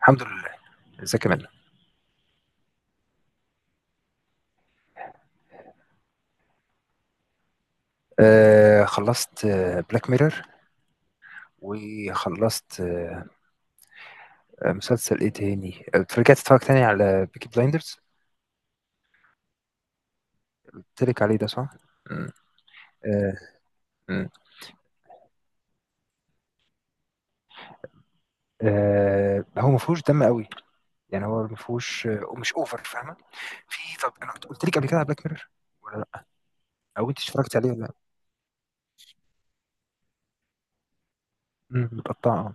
الحمد لله. ازيك يا منى؟ آه، خلصت بلاك ميرور. وخلصت. مسلسل ايه تاني، رجعت اتفرج تاني على بيكي بلايندرز. قلت لك عليه ده صح؟ مم. آه. مم. هو ما فيهوش دم قوي. يعني هو ما فيهوش مش اوفر، فاهمه؟ طب انا كنت قلت لك قبل كده على بلاك ميرور، ولا لا؟ او انت اتفرجت عليه ولا لا؟ مم، متقطعه.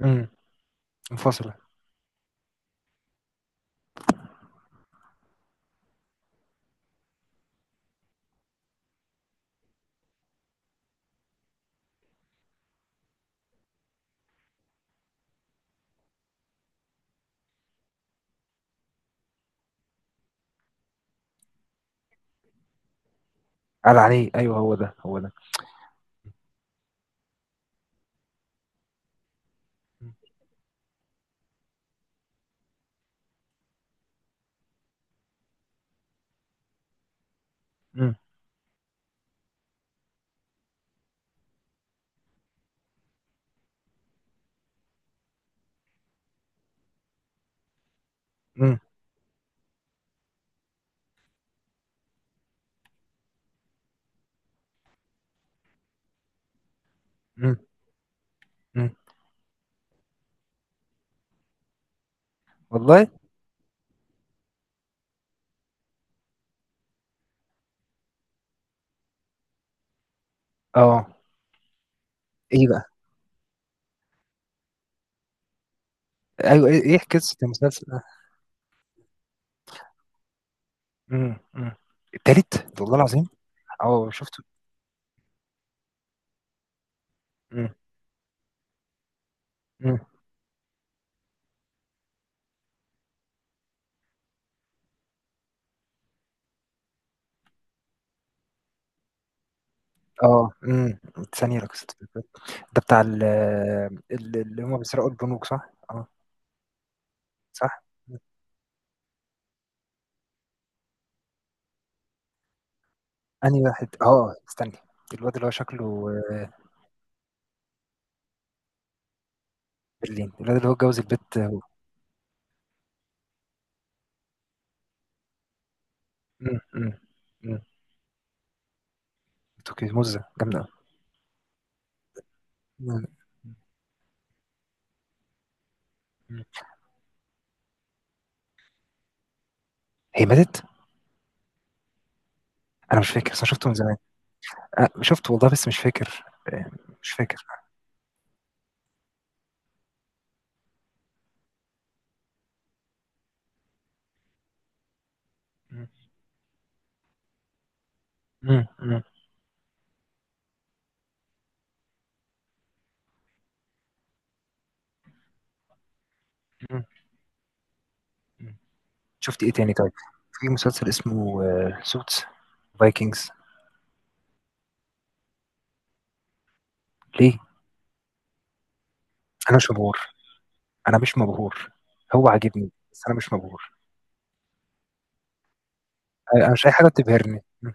مم، منفصله. قال عليه، ايوه، هو ده هو ده. مم، مم، مم، مم. والله. اه. ايه بقى؟ ايوه، إيه قصه المسلسل ده؟ مم. مم. التالت والله العظيم. اه، شفته. مم. مم. اه. امم. ثانيه لا قصه الفيلم. ده بتاع ال- اللي هم بيسرقوا البنوك، صح؟ اه. صح. انهي واحد، استني. الواد اللي هو شكله. برلين الواد اللي هو اتجوز البت هو. مم. مم. مم. توكي موزة جامدة أوي. مم. مم. هي ماتت؟ أنا مش فاكر، بس أنا شفته من زمان. شفته والله، بس مش فاكر. آه. مش فاكر. مم. مم. مم. مم. شفت إيه تاني طيب؟ في مسلسل اسمه سوتس. فايكنجز. ليه؟ أنا مش مبهور. أنا مش مبهور. هو عاجبني بس أنا مش مبهور. أنا مش أي حاجة بتبهرني. مم.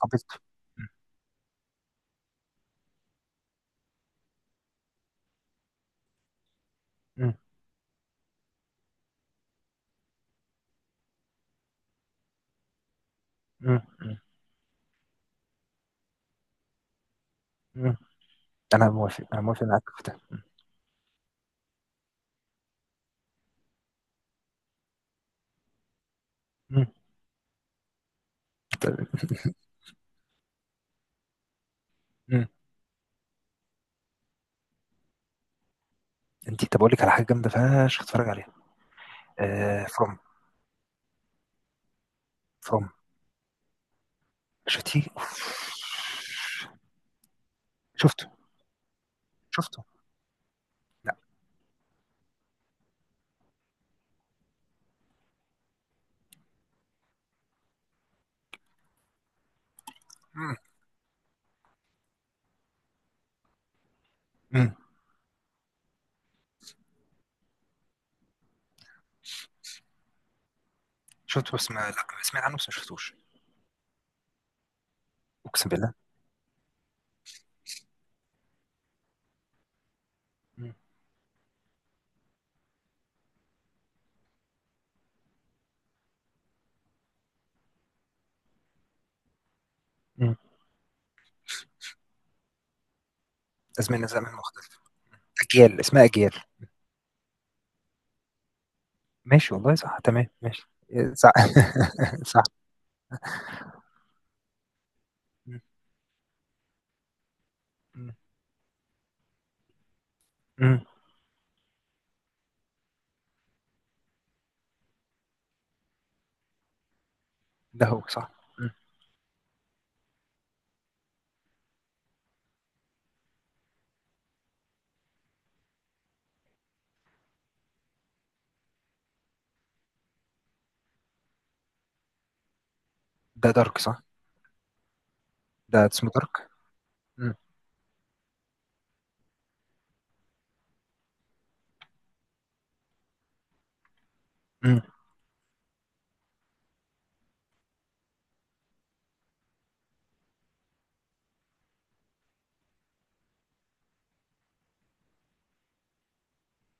قبلته. مم. مم. مم. مم. أنا موافق، أنا موافق معاك في ده. مم. مم. طيب. مم. أنت، طب أقول لك على حاجة جامدة فشخ، اتفرج عليها. فروم. فروم. شفتيه؟ شفته. شفته. لا. مم. مم. شفته بس ما لا سمعت عنه، بس ما شفتوش. أقسم بالله. مم. مم. أزمنة زمن مختلف. أجيال اسمها أجيال. ماشي والله، صح، تمام، ماشي. إيه، صح. صح. مم، مم، مم. ده هو صح. مم. ده دارك صح. ده اسمه دارك. مم، مم،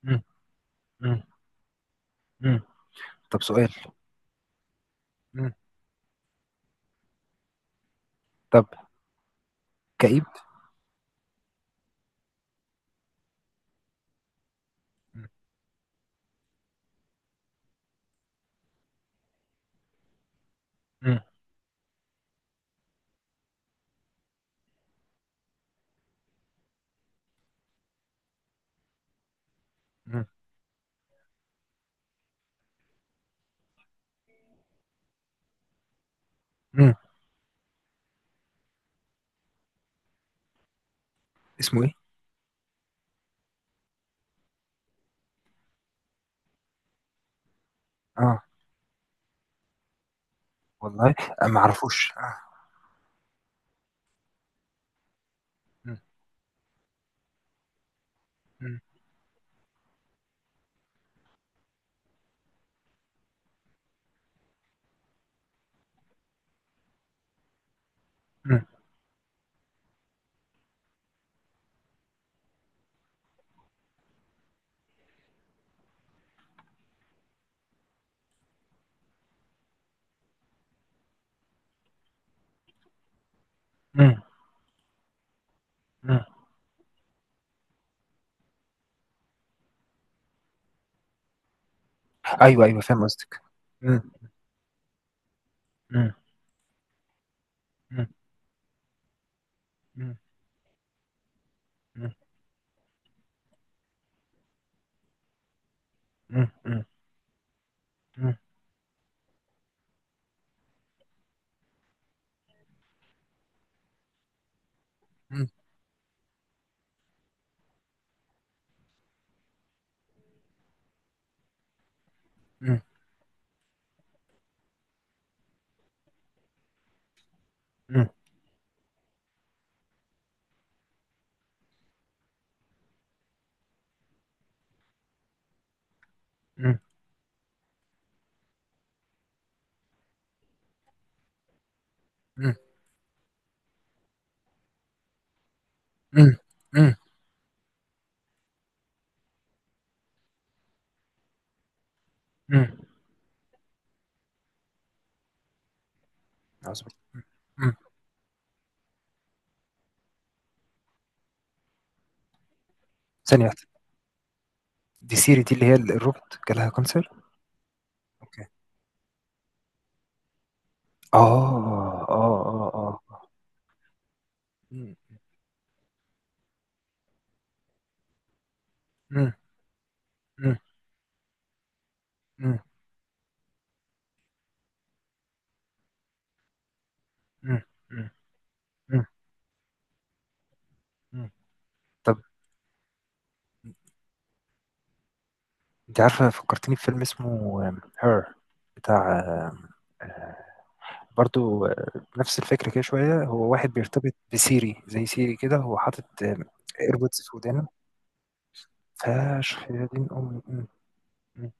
مم، مم، مم. طب سؤال. مم. طب. كئيب. مم، مم، مم، مم. اسمه ايه؟ اه. والله. ما اعرفوش اه. مم، مم، مم، مم، مم. ايوه ايوه، فاهم قصدك. مم، مم، مم، مم، مم، مم، مم، مم، مم، مم، مم، إمم، إمم، إمم، عظيم، إمم، إمم، ثانية واحدة، دي سيري دي اللي هي الروبوت جالها كانسر؟ أوكي، آه، آه، آه، آه، آه، إمم، إمم، إمم، إمم، إمم، إمم، إمم، إمم، طب. أنتِ عارفة، فكّرتيني بفيلم اسمه Her، بتاع برضه، نفس الفكرة كده شوية، هو واحد بيرتبط بسيري، زي سيري كده هو حاطط AirPods في ودانه. فشخ يا دين أمي! إمم، إمم،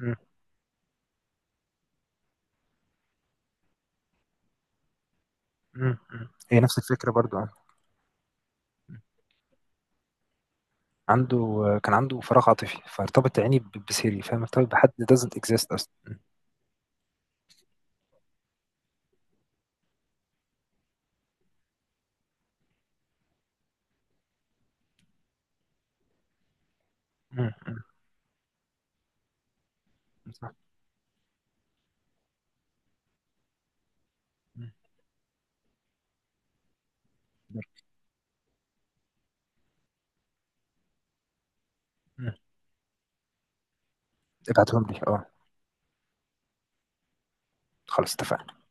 إمم، إمم، إمم، هي نفس الفكرة برضه. آه. عنده. كان عنده فراغ عاطفي، فارتبط عيني بسيري، فاهم، ارتبط بحد doesn't exist اصلا. م- م- م- صح. م- م- ابعتهم لي، اه. خلاص، اتفقنا.